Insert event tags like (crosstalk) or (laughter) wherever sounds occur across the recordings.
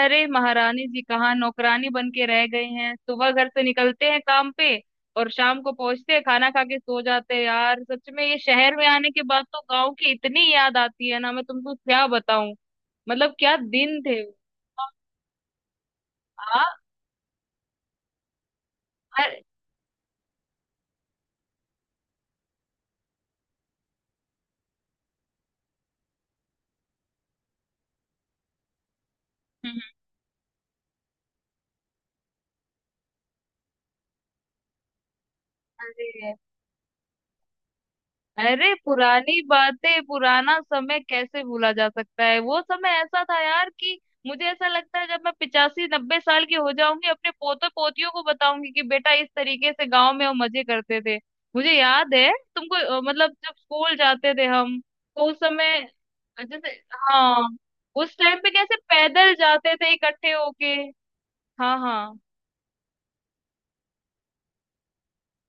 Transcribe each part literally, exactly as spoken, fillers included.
अरे महारानी जी कहाँ नौकरानी बन के रह गई हैं। सुबह घर से निकलते हैं काम पे और शाम को पहुंचते हैं, खाना खा के सो जाते हैं। यार सच में ये शहर में आने के बाद तो गांव की इतनी याद आती है ना, मैं तुमको क्या बताऊं। मतलब क्या दिन थे वो। आ, अरे हम्म, हम्म। अरे अरे पुरानी बातें, पुराना समय कैसे भूला जा सकता है। वो समय ऐसा था यार कि मुझे ऐसा लगता है, जब मैं पिचासी नब्बे साल की हो जाऊंगी अपने पोते पोतियों को बताऊंगी कि बेटा इस तरीके से गांव में हम मजे करते थे। मुझे याद है तुमको अ, मतलब जब स्कूल जाते थे हम तो उस समय जैसे, हाँ, उस टाइम पे कैसे पैदल जाते थे इकट्ठे होके। हाँ हाँ।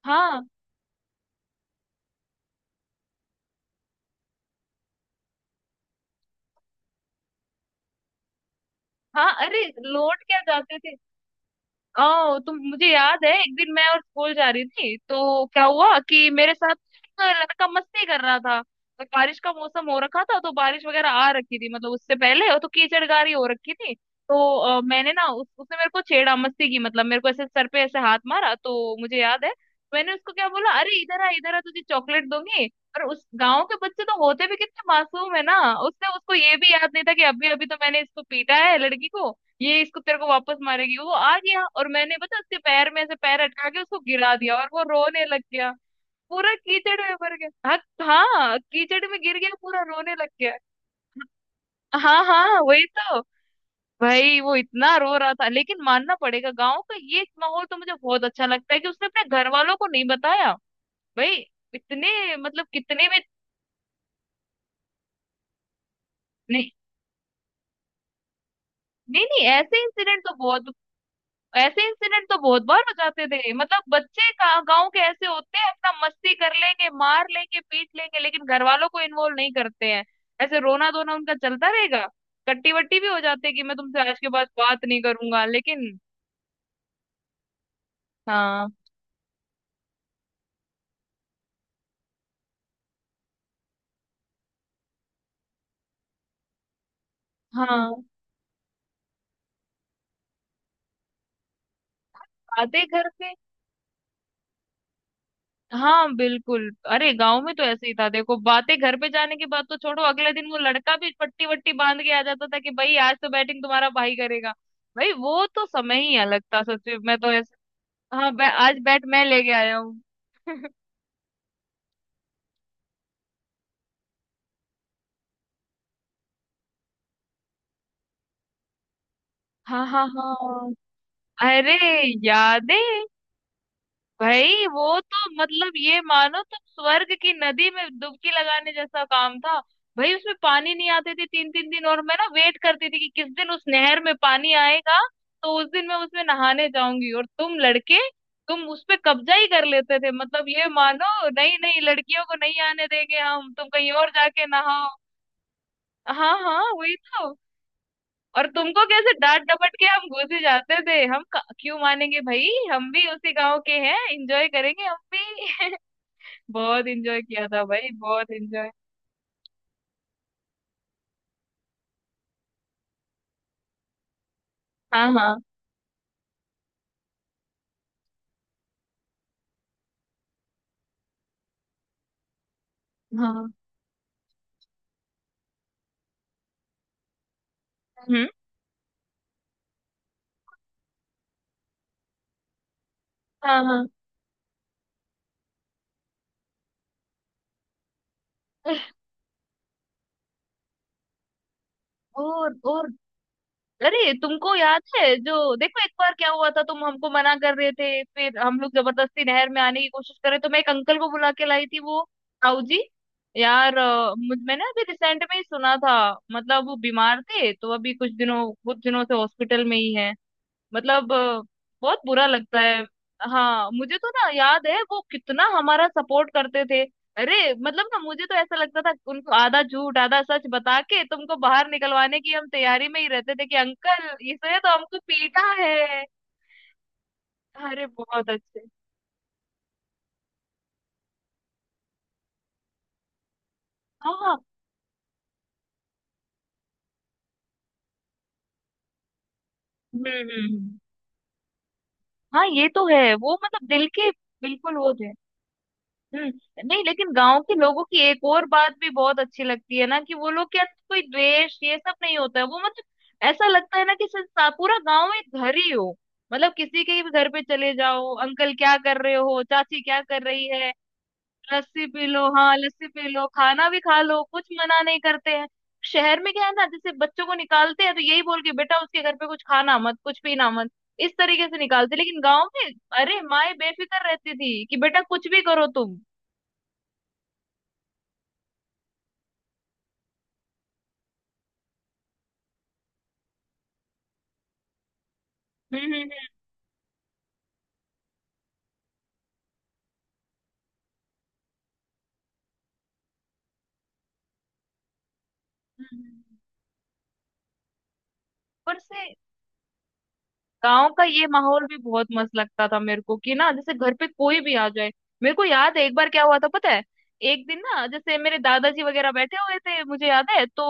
हाँ हाँ। अरे लौट क्या जाते थे। ओ तुम, मुझे याद है, एक दिन मैं और स्कूल जा रही थी तो क्या हुआ कि मेरे साथ एक लड़का मस्ती कर रहा था। तो बारिश का मौसम हो रखा था, तो बारिश वगैरह आ रखी थी मतलब उससे पहले, और तो कीचड़ गारी हो रखी थी। तो अ, मैंने ना उस, उसने मेरे को छेड़ा मस्ती की। मतलब मेरे को ऐसे सर पे ऐसे हाथ मारा, तो मुझे याद है मैंने उसको क्या बोला, अरे इधर आ इधर आ तुझे चॉकलेट दूंगी। और उस गांव के बच्चे तो होते भी कितने मासूम है ना, उसने उसको ये भी याद नहीं था कि अभी अभी तो मैंने इसको पीटा है लड़की को, ये इसको तेरे को वापस मारेगी। वो आ गया और मैंने पता उसके पैर में ऐसे पैर अटका के उसको गिरा दिया और वो रोने लग गया। पूरा कीचड़ में भर गया, हाँ। हाँ कीचड़ में गिर गया, पूरा रोने लग गया। हाँ हाँ वही तो। भाई वो इतना रो रहा था, लेकिन मानना पड़ेगा गाँव का ये माहौल तो मुझे बहुत अच्छा लगता है कि उसने अपने घर वालों को नहीं बताया। भाई इतने मतलब कितने में। नहीं नहीं, नहीं ऐसे इंसिडेंट तो बहुत, ऐसे इंसिडेंट तो बहुत बार हो जाते थे। मतलब बच्चे का- गांव के ऐसे होते हैं, अपना मस्ती कर लेंगे, मार लेंगे, पीट लेंगे, लेकिन घर वालों को इन्वॉल्व नहीं करते हैं। ऐसे रोना धोना उनका चलता रहेगा, कट्टी वट्टी भी हो जाते हैं कि मैं तुमसे आज के बाद बात नहीं करूंगा, लेकिन हाँ हाँ। बातें घर पे, हाँ बिल्कुल। अरे गांव में तो ऐसे ही था देखो, बातें घर पे जाने की बात तो छोड़ो, अगले दिन वो लड़का भी पट्टी वट्टी बांध के आ जाता था कि भाई आज तो बैटिंग तुम्हारा भाई करेगा। भाई वो तो समय ही अलग था, सच में। मैं तो ऐसे हाँ, बै, आज बैट मैं लेके आया हूँ। (laughs) हाँ हाँ हाँ। अरे यादें, भाई वो तो मतलब ये मानो तुम स्वर्ग की नदी में डुबकी लगाने जैसा काम था। भाई उसमें पानी नहीं आते थे तीन तीन दिन, और मैं ना वेट करती थी कि किस दिन उस नहर में पानी आएगा। तो उस दिन मैं उसमें नहाने जाऊंगी और तुम लड़के, तुम उस पे कब्जा ही कर लेते थे। मतलब ये मानो, नहीं नहीं लड़कियों को नहीं आने देंगे हम, तुम कहीं और जाके नहाओ। हाँ हाँ वही तो। और तुमको कैसे डांट डपट के हम घुस ही जाते थे। हम क- क्यों मानेंगे भाई, हम भी उसी गांव के हैं, एंजॉय करेंगे हम भी। (laughs) बहुत एंजॉय किया था भाई, बहुत एंजॉय। हाँ हाँ हाँ। हम्म। हाँ हाँ। और और अरे तुमको याद है जो, देखो एक बार क्या हुआ था, तुम हमको मना कर रहे थे, फिर हम लोग जबरदस्ती नहर में आने की कोशिश कर रहे, तो मैं एक अंकल को बुला के लाई थी, वो ताऊ जी। यार अ, मुझ मैंने अभी रिसेंट में ही सुना था, मतलब वो बीमार थे, तो अभी कुछ दिनों कुछ दिनों से हॉस्पिटल में ही है। मतलब अ, बहुत बुरा लगता है। हाँ मुझे तो ना याद है वो कितना हमारा सपोर्ट करते थे। अरे मतलब ना मुझे तो ऐसा लगता था उनको आधा झूठ आधा सच बता के तुमको बाहर निकलवाने की हम तैयारी में ही रहते थे कि अंकल इसने तो हमको पीटा है। अरे बहुत अच्छे। हाँ हम्म हम्म हम्म। हाँ ये तो है वो, मतलब दिल के बिल्कुल वो थे। हम्म। नहीं लेकिन गांव के लोगों की एक और बात भी बहुत अच्छी लगती है ना कि वो लोग के अंदर कोई द्वेष ये सब नहीं होता है। वो मतलब ऐसा लगता है ना कि संसा- पूरा गांव एक घर ही हो। मतलब किसी के भी घर पे चले जाओ, अंकल क्या कर रहे हो, चाची क्या कर रही है, लस्सी पी लो, हाँ लस्सी पी लो, खाना भी खा लो, कुछ मना नहीं करते हैं। शहर में क्या है ना, जैसे बच्चों को निकालते हैं तो यही बोल के, बेटा उसके घर पे कुछ खाना मत कुछ पीना मत, इस तरीके से निकालते, लेकिन गांव में अरे माए बेफिक्र रहती थी कि बेटा कुछ भी करो तुम। हम्म हम्म, हम्म, हम्म। ऊपर से गांव का ये माहौल भी बहुत मस्त लगता था मेरे को कि ना, जैसे घर पे कोई भी आ जाए। मेरे को याद है एक बार क्या हुआ था पता है। एक दिन ना जैसे मेरे दादाजी वगैरह बैठे हुए थे, मुझे याद है। तो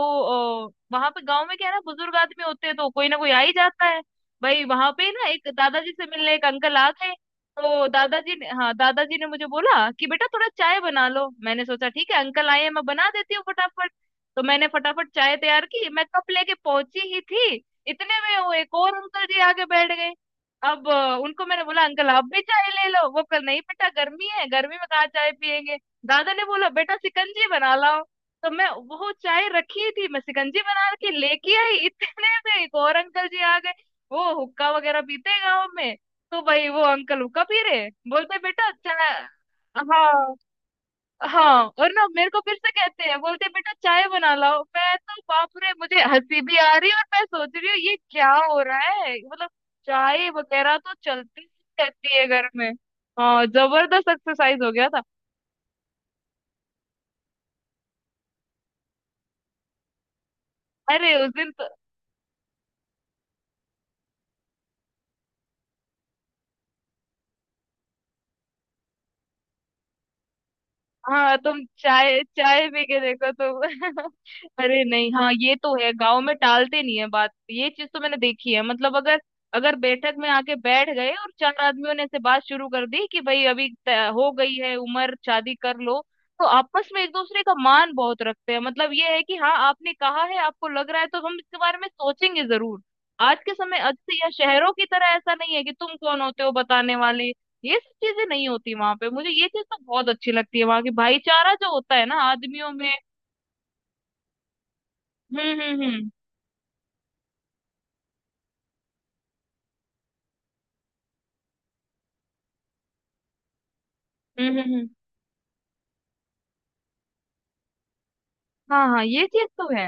वहां पे गांव में क्या है ना, बुजुर्ग आदमी होते हैं तो कोई ना कोई आ ही जाता है। भाई वहां पे ना एक दादाजी से मिलने एक अंकल आ गए। तो दादाजी ने, हाँ दादाजी ने मुझे बोला कि बेटा थोड़ा चाय बना लो। मैंने सोचा ठीक है अंकल आए हैं, मैं बना देती हूँ फटाफट। तो मैंने फटाफट चाय तैयार की, मैं कप लेके पहुंची ही थी, इतने में वो एक और अंकल जी आगे बैठ गए। अब अ, उनको मैंने बोला अंकल आप भी चाय ले लो, वो कल नहीं बेटा गर्मी है, गर्मी में कहाँ चाय पियेंगे। दादा ने बोला बेटा शिकंजी बना लाओ। तो मैं, वो चाय रखी थी, मैं शिकंजी बना के लेके आई, इतने में एक और अंकल जी आ गए। वो हुक्का वगैरह पीते हैं गाँव में। तो भाई वो अंकल हुक्का पी रहे, बोलते बेटा चाय। हाँ हाँ और ना मेरे को फिर से कहते हैं, बोलते हैं, बेटा चाय बना लाओ। मैं तो बाप रे, मुझे हंसी भी आ रही है और मैं सोच रही हूँ ये क्या हो रहा है मतलब। चाय वगैरह तो चलती ही रहती है घर में। हाँ जबरदस्त एक्सरसाइज हो गया था। अरे उस दिन हाँ, तुम चाय चाय पी के देखो तुम। (laughs) अरे नहीं हाँ ये तो है, गांव में टालते नहीं है बात, ये चीज तो मैंने देखी है। मतलब अगर, अगर बैठक में आके बैठ गए और चार आदमियों ने ऐसे बात शुरू कर दी कि भाई अभी त- हो गई है उम्र शादी कर लो, तो आपस में एक दूसरे का मान बहुत रखते हैं। मतलब ये है कि हाँ आपने कहा है, आपको लग रहा है तो हम इसके बारे में सोचेंगे जरूर। आज के समय आज से, यह शहरों की तरह ऐसा नहीं है कि तुम कौन होते हो बताने वाले, ये सब चीजें नहीं होती वहां पे। मुझे ये चीज ना बहुत अच्छी लगती है, वहां की भाईचारा जो होता है ना आदमियों में। हम्म हम्म हम्म। हम्म हम्म हम्म। हाँ हाँ ये चीज तो है।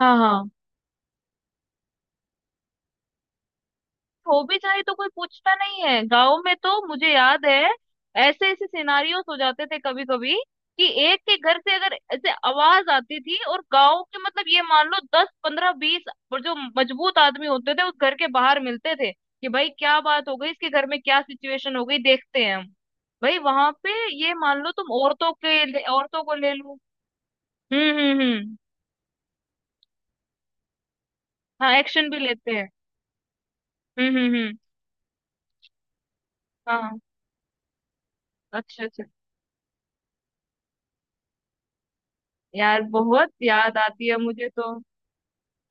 हाँ हाँ हो भी जाए तो कोई पूछता नहीं है गांव में। तो मुझे याद है ऐसे ऐसे सिनारियोस हो जाते थे कभी कभी, कि एक के घर से अगर ऐसे आवाज आती थी और गांव के, मतलब ये मान लो दस पंद्रह बीस और जो मजबूत आदमी होते थे उस घर के बाहर मिलते थे कि भाई क्या बात हो गई, इसके घर में क्या सिचुएशन हो गई, देखते हैं हम। भाई वहां पे, ये मान लो तुम औरतों के ले- औरतों को ले लो। हम्म हम्म हम्म। हाँ एक्शन भी लेते हैं। हम्म हम्म हम्म। हाँ अच्छा अच्छा। यार बहुत याद आती है मुझे तो।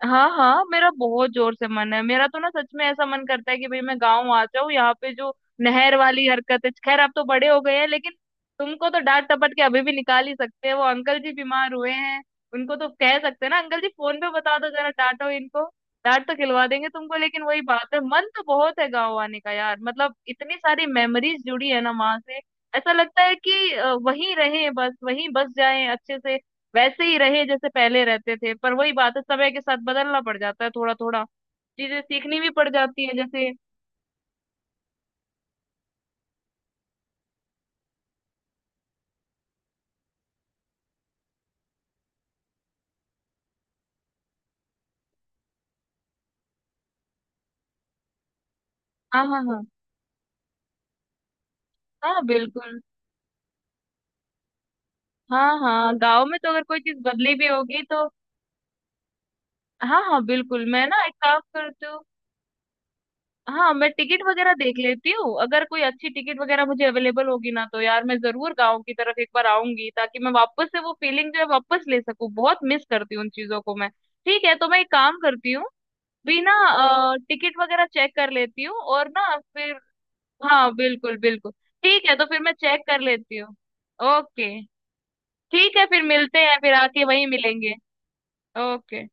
हाँ हाँ मेरा बहुत जोर से मन है। मेरा तो ना सच में ऐसा मन करता है कि भाई मैं गाँव आ जाऊँ। यहाँ पे जो नहर वाली हरकत है, खैर आप तो बड़े हो गए हैं, लेकिन तुमको तो डांट टपट के अभी भी निकाल ही सकते हैं। वो अंकल जी बीमार हुए हैं, उनको तो कह सकते हैं ना, अंकल जी फोन पे बता दो जरा, डांटो इनको, डांट तो खिलवा देंगे तुमको। लेकिन वही बात है मन तो बहुत है गाँव आने का यार, मतलब इतनी सारी मेमोरीज जुड़ी है ना वहां से। ऐसा लगता है कि अ, वहीं रहें, बस वहीं बस जाएं अच्छे से, वैसे ही रहे जैसे पहले रहते थे। पर वही बात है, समय के साथ बदलना पड़ जाता है थोड़ा थोड़ा, चीजें सीखनी भी पड़ जाती है जैसे। हाँ हाँ हाँ। हाँ बिल्कुल। हाँ हाँ गांव में तो अगर कोई चीज बदली भी होगी तो, हाँ हाँ बिल्कुल। मैं ना एक काम करती हूँ, हाँ मैं टिकट वगैरह देख लेती हूँ, अगर कोई अच्छी टिकट वगैरह मुझे अवेलेबल होगी ना, तो यार मैं जरूर गांव की तरफ एक बार आऊंगी, ताकि मैं वापस से वो फीलिंग जो है वापस ले सकूँ। बहुत मिस करती हूँ उन चीजों को मैं। ठीक है, तो मैं एक काम करती हूँ, बिना टिकट वगैरह चेक कर लेती हूँ और ना फिर, हाँ बिल्कुल बिल्कुल। ठीक है तो फिर मैं चेक कर लेती हूँ। ओके। ठीक है फिर मिलते हैं, फिर आके वहीं मिलेंगे। ओके।